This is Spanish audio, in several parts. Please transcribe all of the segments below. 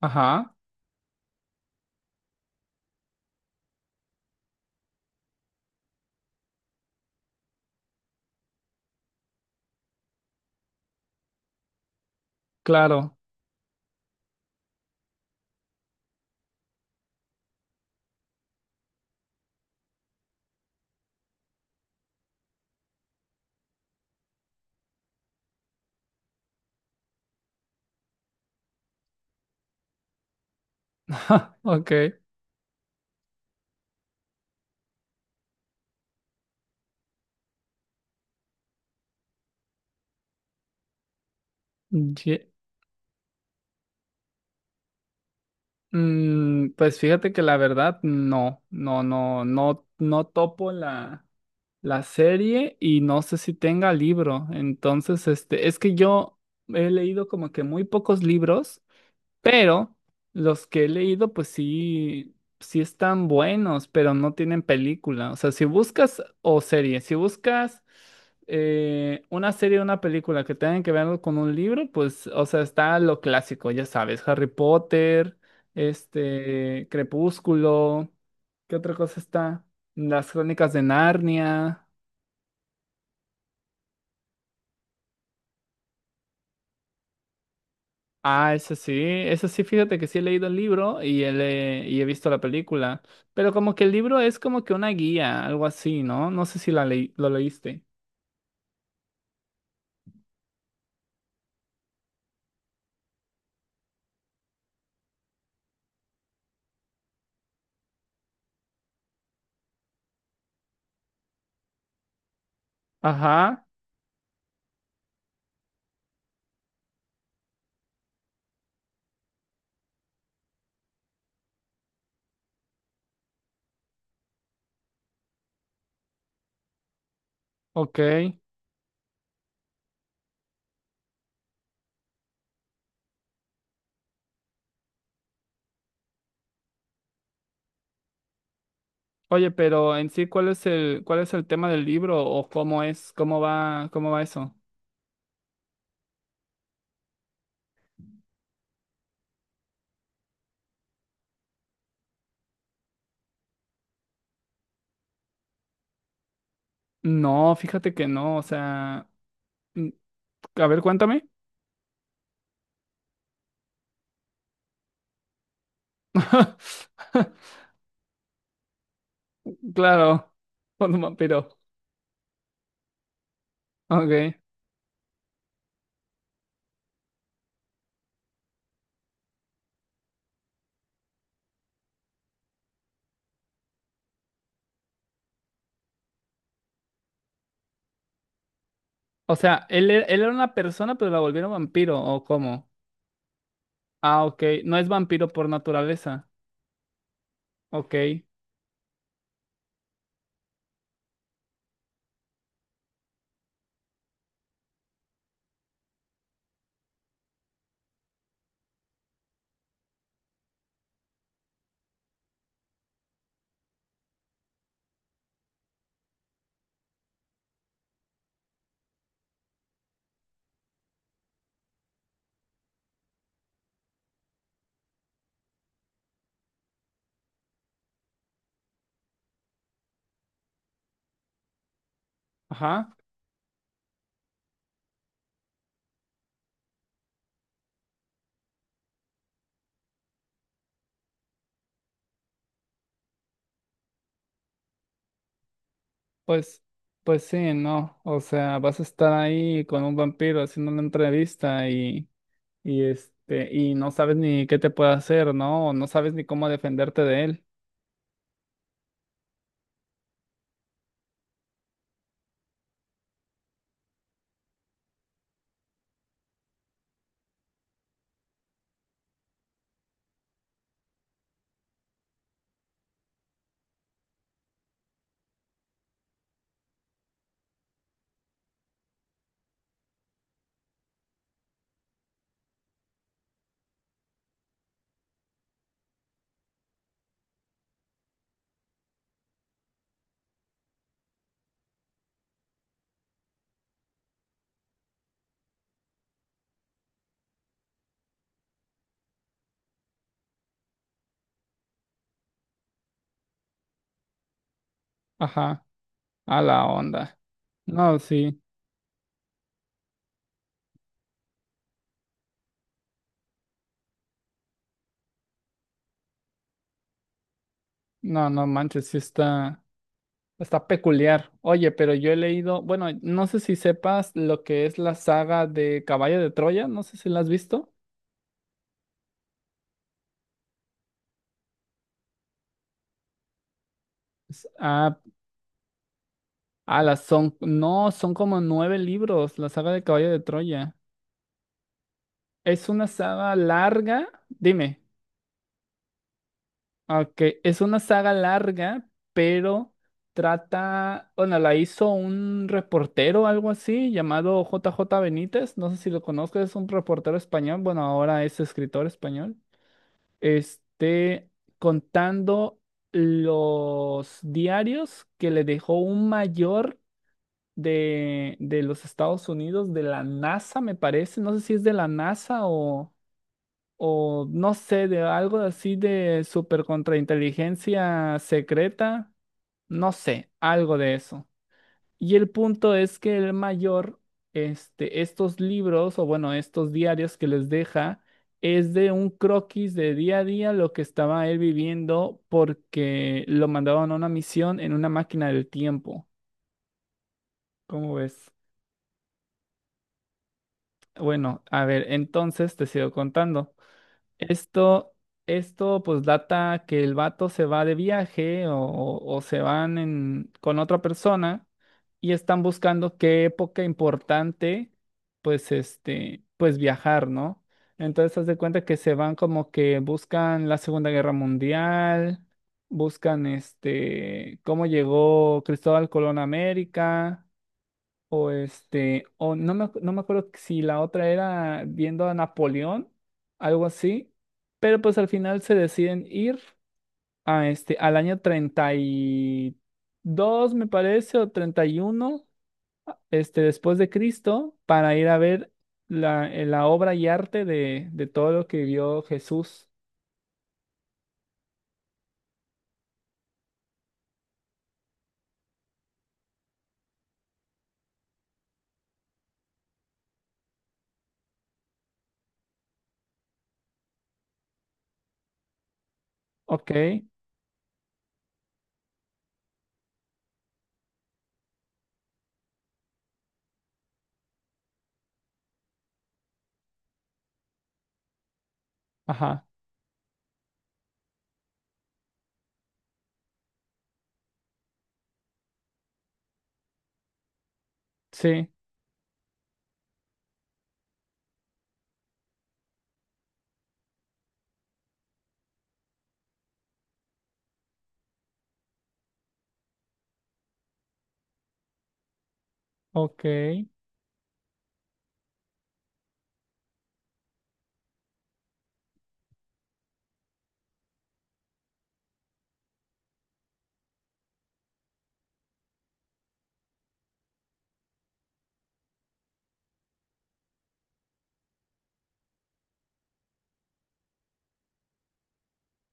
Ajá, claro. Ok. Ye- pues fíjate que la verdad, no, no, no, no, no topo la serie y no sé si tenga libro. Entonces, este, es que yo he leído como que muy pocos libros. Pero los que he leído, pues sí, sí están buenos, pero no tienen película. O sea, si buscas, o serie, si buscas una serie o una película que tengan que ver con un libro, pues, o sea, está lo clásico, ya sabes, Harry Potter, este, Crepúsculo, ¿qué otra cosa está? Las Crónicas de Narnia. Ah, ese sí, fíjate que sí he leído el libro y he visto la película, pero como que el libro es como que una guía, algo así, ¿no? No sé si lo leíste. Ajá, ok. Oye, pero en sí, ¿cuál es el tema del libro o cómo es, cómo va eso? No, fíjate que no, o sea, mm, a ver, cuéntame. Claro, con un vampiro. Ok. O sea, él era una persona, pero la volvieron vampiro, ¿o cómo? Ah, ok. No es vampiro por naturaleza. Ok. Ajá. Pues, pues sí, no. O sea, vas a estar ahí con un vampiro haciendo una entrevista y este, y no sabes ni qué te puede hacer, ¿no? O no sabes ni cómo defenderte de él. Ajá. A la onda. No, sí. No, no manches, sí está peculiar. Oye, pero yo he leído, bueno, no sé si sepas lo que es la saga de Caballo de Troya, no sé si la has visto. S- Ah, no, son como nueve libros, la saga de Caballo de Troya. Es una saga larga, dime, ok, es una saga larga, pero trata, bueno, la hizo un reportero, algo así, llamado J. J. Benítez, no sé si lo conozcas, es un reportero español, bueno, ahora es escritor español, este, contando los diarios que le dejó un mayor de los Estados Unidos, de la NASA, me parece. No sé si es de la NASA o no sé, de algo así de super contrainteligencia secreta. No sé, algo de eso. Y el punto es que el mayor, este, estos libros, o bueno, estos diarios que les deja, es de un croquis de día a día lo que estaba él viviendo porque lo mandaban a una misión en una máquina del tiempo. ¿Cómo ves? Bueno, a ver, entonces te sigo contando. Esto, esto pues data que el vato se va de viaje o se van con otra persona y están buscando qué época importante, pues este, pues viajar, ¿no? Entonces haz de cuenta que se van como que buscan la Segunda Guerra Mundial, buscan este, cómo llegó Cristóbal Colón a América o este, o no me acuerdo si la otra era viendo a Napoleón, algo así, pero pues al final se deciden ir a este, al año 32 me parece, o 31 este, después de Cristo, para ir a ver la obra y arte de todo lo que vio Jesús. Ok, ajá, sí, ok,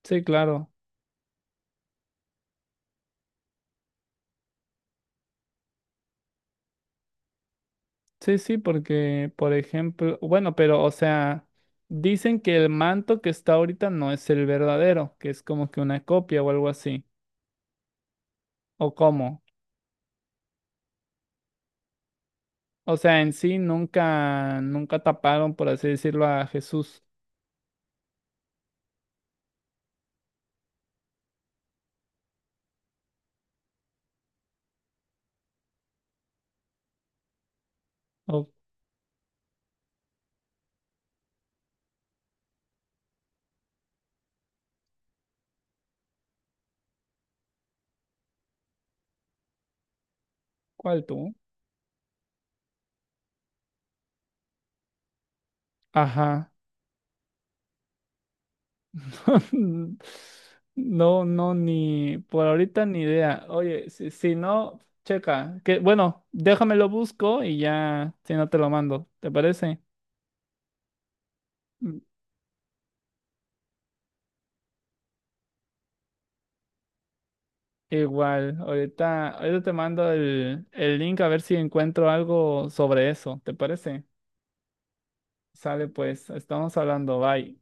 sí, claro. Sí, sí, porque, por ejemplo, bueno, pero, o sea, dicen que el manto que está ahorita no es el verdadero, que es como que una copia o algo así, o cómo. O sea, en sí nunca, nunca taparon, por así decirlo, a Jesús. ¿O cuál tú? Ajá. No, no, ni por ahorita ni idea. Oye, si no, checa. Que, bueno, déjamelo busco y ya, si no te lo mando, ¿te parece? Igual, ahorita te mando el link a ver si encuentro algo sobre eso, ¿te parece? Sale pues, estamos hablando, bye.